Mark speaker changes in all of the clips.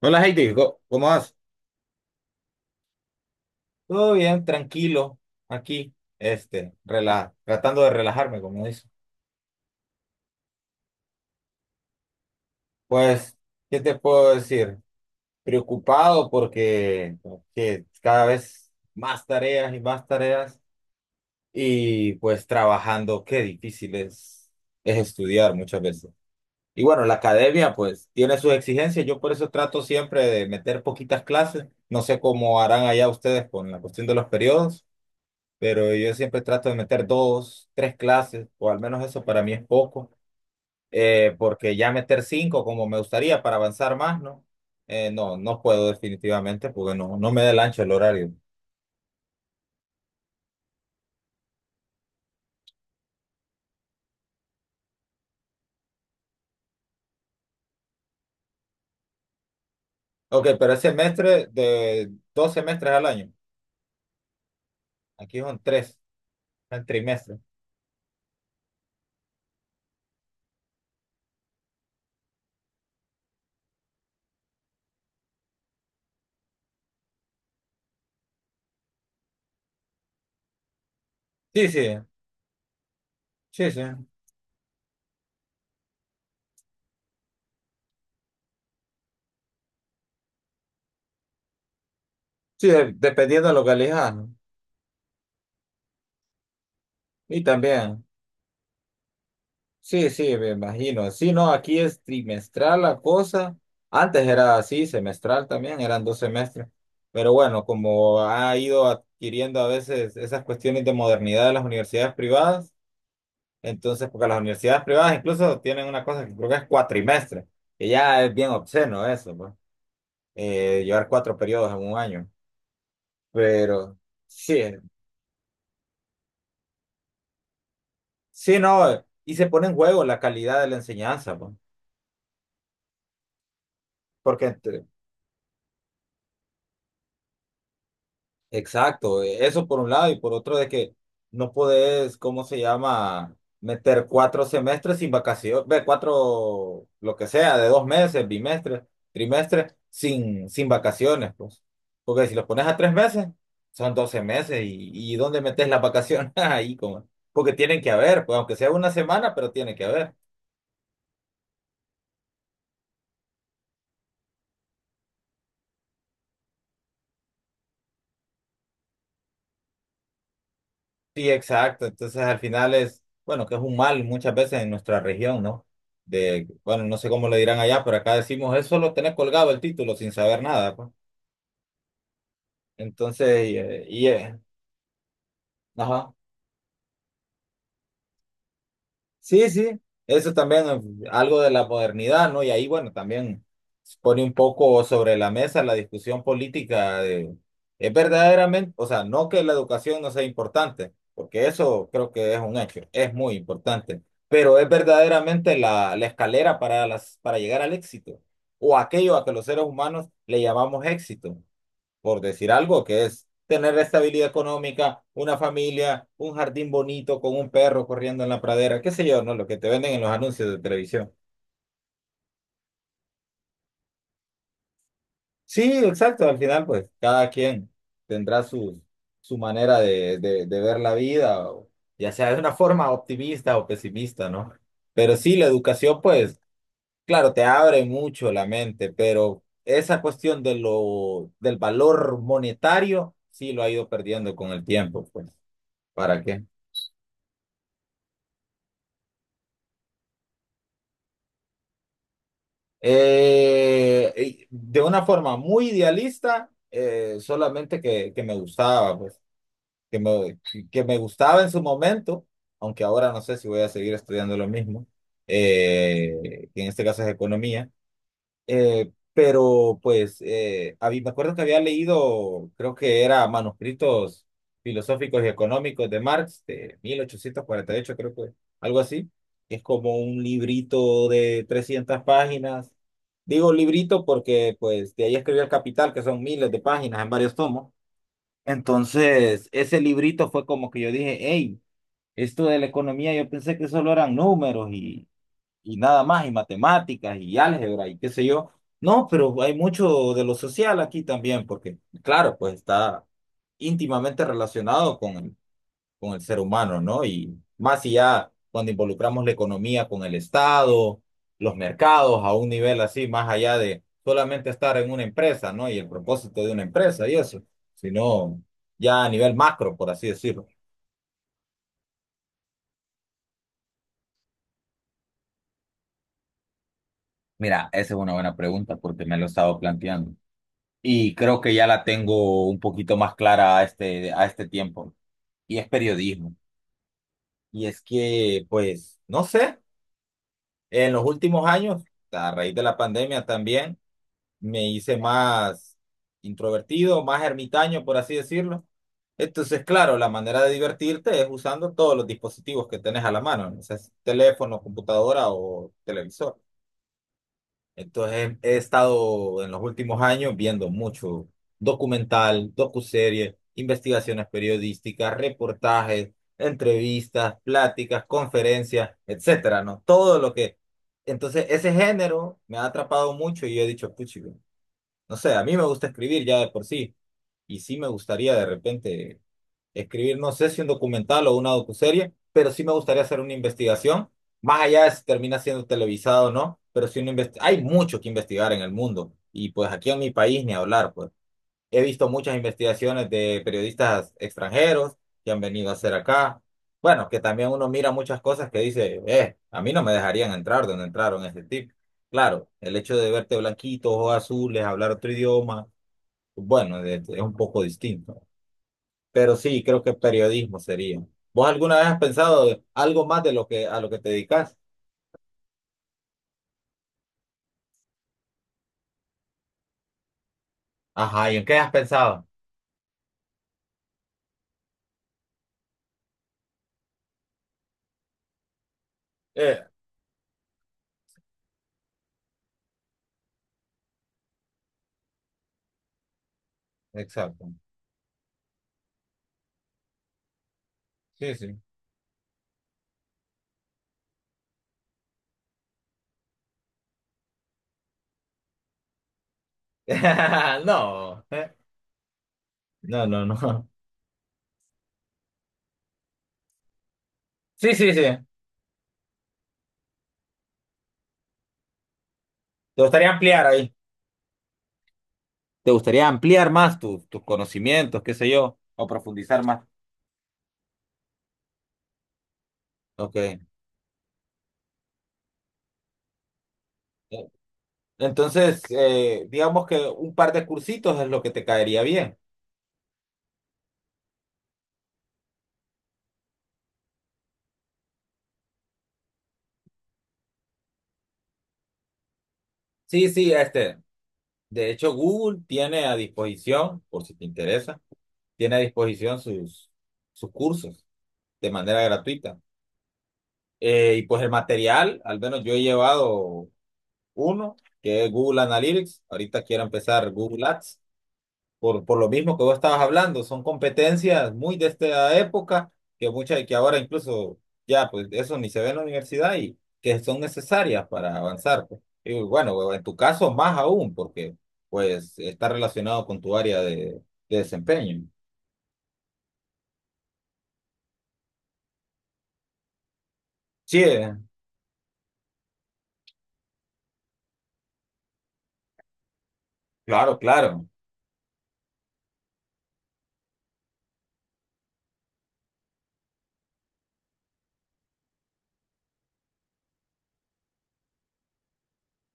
Speaker 1: Hola Heidi, ¿cómo vas? Todo bien, tranquilo, aquí, tratando de relajarme, como dice. Pues, ¿qué te puedo decir? Preocupado porque que cada vez más tareas y pues trabajando, qué difícil es estudiar muchas veces. Y bueno, la academia pues tiene sus exigencias, yo por eso trato siempre de meter poquitas clases, no sé cómo harán allá ustedes con la cuestión de los periodos. Pero yo siempre trato de meter dos, tres clases, o al menos eso para mí es poco, porque ya meter cinco como me gustaría para avanzar más, ¿no? No, no puedo definitivamente porque no, no me da el ancho el horario. Ok, pero es semestre de 2 semestres al año. Aquí son tres, el trimestre. Sí, sí, sí, sí. Sí, dependiendo de lo que elijas, ¿no? Y también. Sí, sí, me imagino. Sí, no, aquí es trimestral la cosa. Antes era así, semestral también, eran 2 semestres. Pero bueno, como ha ido adquiriendo a veces esas cuestiones de modernidad de las universidades privadas, entonces, porque las universidades privadas incluso tienen una cosa que creo que es cuatrimestre, que ya es bien obsceno eso, pues, llevar cuatro periodos en un año. Pero sí, sí, no, y se pone en juego la calidad de la enseñanza, pues. Porque Exacto, eso por un lado y por otro de que no podés, ¿cómo se llama? Meter cuatro semestres sin vacaciones, ve, cuatro, lo que sea, de 2 meses, bimestre, trimestre, sin vacaciones, pues. Porque si los pones a 3 meses, son 12 meses y ¿dónde metes las vacaciones? Ahí, como, porque tienen que haber, pues aunque sea una semana, pero tiene que haber. Sí, exacto. Entonces, al final es, bueno, que es un mal muchas veces en nuestra región, ¿no? De, bueno, no sé cómo le dirán allá, pero acá decimos, es solo tener colgado el título sin saber nada, pues. Entonces, ajá. Sí, sí, eso también es algo de la modernidad, ¿no? Y ahí, bueno, también pone un poco sobre la mesa la discusión política de, es verdaderamente, o sea, no que la educación no sea importante, porque eso creo que es un hecho, es muy importante, pero es verdaderamente la escalera para para llegar al éxito, o aquello a que los seres humanos le llamamos éxito por decir algo, que es tener estabilidad económica, una familia, un jardín bonito con un perro corriendo en la pradera, qué sé yo, ¿no? Lo que te venden en los anuncios de televisión. Sí, exacto, al final pues cada quien tendrá su manera de ver la vida, ya sea de una forma optimista o pesimista, ¿no? Pero sí, la educación pues, claro, te abre mucho la mente, pero esa cuestión de del valor monetario, sí lo ha ido perdiendo con el tiempo, pues, ¿para qué? Eh, de una forma muy idealista, solamente que me gustaba, pues, que me, que me gustaba en su momento, aunque ahora no sé si voy a seguir estudiando lo mismo, que en este caso es economía, pero pues me acuerdo que había leído, creo que era Manuscritos Filosóficos y Económicos de Marx, de 1848 creo que algo así. Es como un librito de 300 páginas. Digo librito porque pues de ahí escribió El Capital, que son miles de páginas en varios tomos. Entonces, ese librito fue como que yo dije, hey, esto de la economía, yo pensé que solo eran números y nada más, y matemáticas, y álgebra, y qué sé yo. No, pero hay mucho de lo social aquí también, porque, claro, pues está íntimamente relacionado con el ser humano, ¿no? Y más si ya cuando involucramos la economía con el Estado, los mercados, a un nivel así, más allá de solamente estar en una empresa, ¿no? Y el propósito de una empresa y eso, sino ya a nivel macro, por así decirlo. Mira, esa es una buena pregunta porque me lo he estado planteando. Y creo que ya la tengo un poquito más clara a este tiempo. Y es periodismo. Y es que, pues, no sé, en los últimos años, a raíz de la pandemia también, me hice más introvertido, más ermitaño, por así decirlo. Entonces, claro, la manera de divertirte es usando todos los dispositivos que tenés a la mano, ¿no? O sea, es teléfono, computadora o televisor. Entonces he estado en los últimos años viendo mucho documental, docuseries, investigaciones periodísticas, reportajes, entrevistas, pláticas, conferencias, etcétera, ¿no? Todo lo que. Entonces ese género me ha atrapado mucho y yo he dicho, puchi, no sé, a mí me gusta escribir ya de por sí y sí me gustaría de repente escribir, no sé si un documental o una docuserie, pero sí me gustaría hacer una investigación, más allá de si termina siendo televisado o no, pero sí hay mucho que investigar en el mundo y pues aquí en mi país ni hablar, pues he visto muchas investigaciones de periodistas extranjeros que han venido a hacer acá. Bueno, que también uno mira muchas cosas que dice, a mí no me dejarían entrar donde entraron este tipo. Claro, el hecho de verte blanquito, ojos azules, hablar otro idioma, bueno, es un poco distinto. Pero sí, creo que periodismo sería. ¿Vos alguna vez has pensado algo más de lo que te dedicas? Ajá, ¿y en qué has pensado? Eh, exacto. Sí, sí. No. No, no, no. Sí, sí, sí. ¿Te gustaría ampliar ahí? ¿Te gustaría ampliar más tus conocimientos, qué sé yo? O profundizar más. Ok. Entonces, digamos que un par de cursitos es lo que te caería bien. Sí, sí, este. De hecho, Google tiene a disposición, por si te interesa tiene a disposición sus cursos de manera gratuita. Y pues el material, al menos yo he llevado uno, que es Google Analytics. Ahorita quiero empezar Google Ads, por lo mismo que vos estabas hablando. Son competencias muy de esta época, que ahora incluso ya, pues eso ni se ve en la universidad y que son necesarias para avanzar. Pues. Y bueno, en tu caso más aún, porque pues está relacionado con tu área de desempeño. Sí, claro, claro.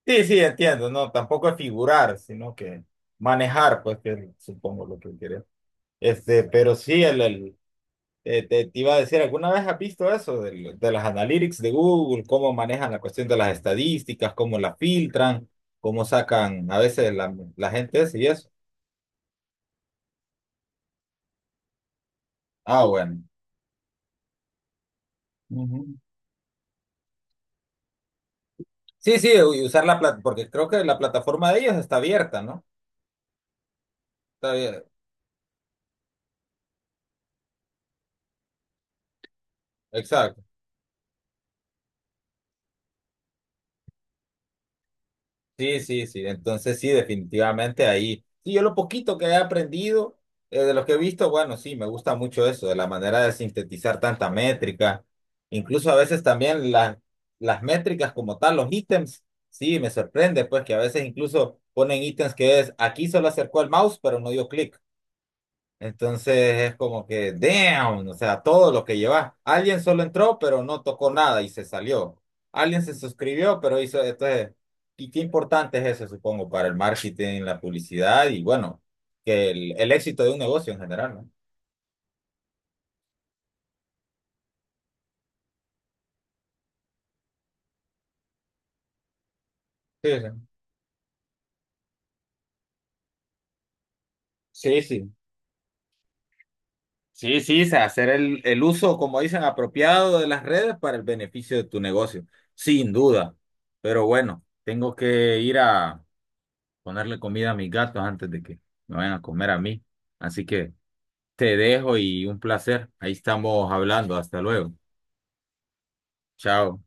Speaker 1: Sí, sí, entiendo, no, tampoco es figurar, sino que manejar, pues que es, supongo lo que quería. Este, pero sí, te iba a decir, ¿alguna vez has visto eso de las analytics de Google, cómo manejan la cuestión de las estadísticas, cómo las filtran, cómo sacan a veces la gente esa y eso? Ah, bueno. Ujú. Sí, sí, y usar la plata, porque creo que la plataforma de ellos está abierta, ¿no? Está abierta. Exacto. Sí, sí, sí. Entonces sí, definitivamente ahí. Sí, yo lo poquito que he aprendido, de lo que he visto, bueno, sí, me gusta mucho eso, de la manera de sintetizar tanta métrica. Incluso a veces también las métricas como tal, los ítems, sí, me sorprende, pues que a veces incluso ponen ítems que es, aquí solo acercó el mouse, pero no dio clic. Entonces es como que, damn, o sea, todo lo que llevas. Alguien solo entró, pero no tocó nada y se salió. Alguien se suscribió, pero hizo, entonces, y qué importante es eso, supongo, para el marketing, la publicidad y bueno, que el éxito de un negocio en general, ¿no? Sí, sí. Sí, sí. Sí, sí, o sea, hacer el uso, como dicen, apropiado de las redes para el beneficio de tu negocio, sin duda. Pero bueno, tengo que ir a ponerle comida a mis gatos antes de que me vayan a comer a mí. Así que te dejo y un placer. Ahí estamos hablando. Hasta luego. Chao.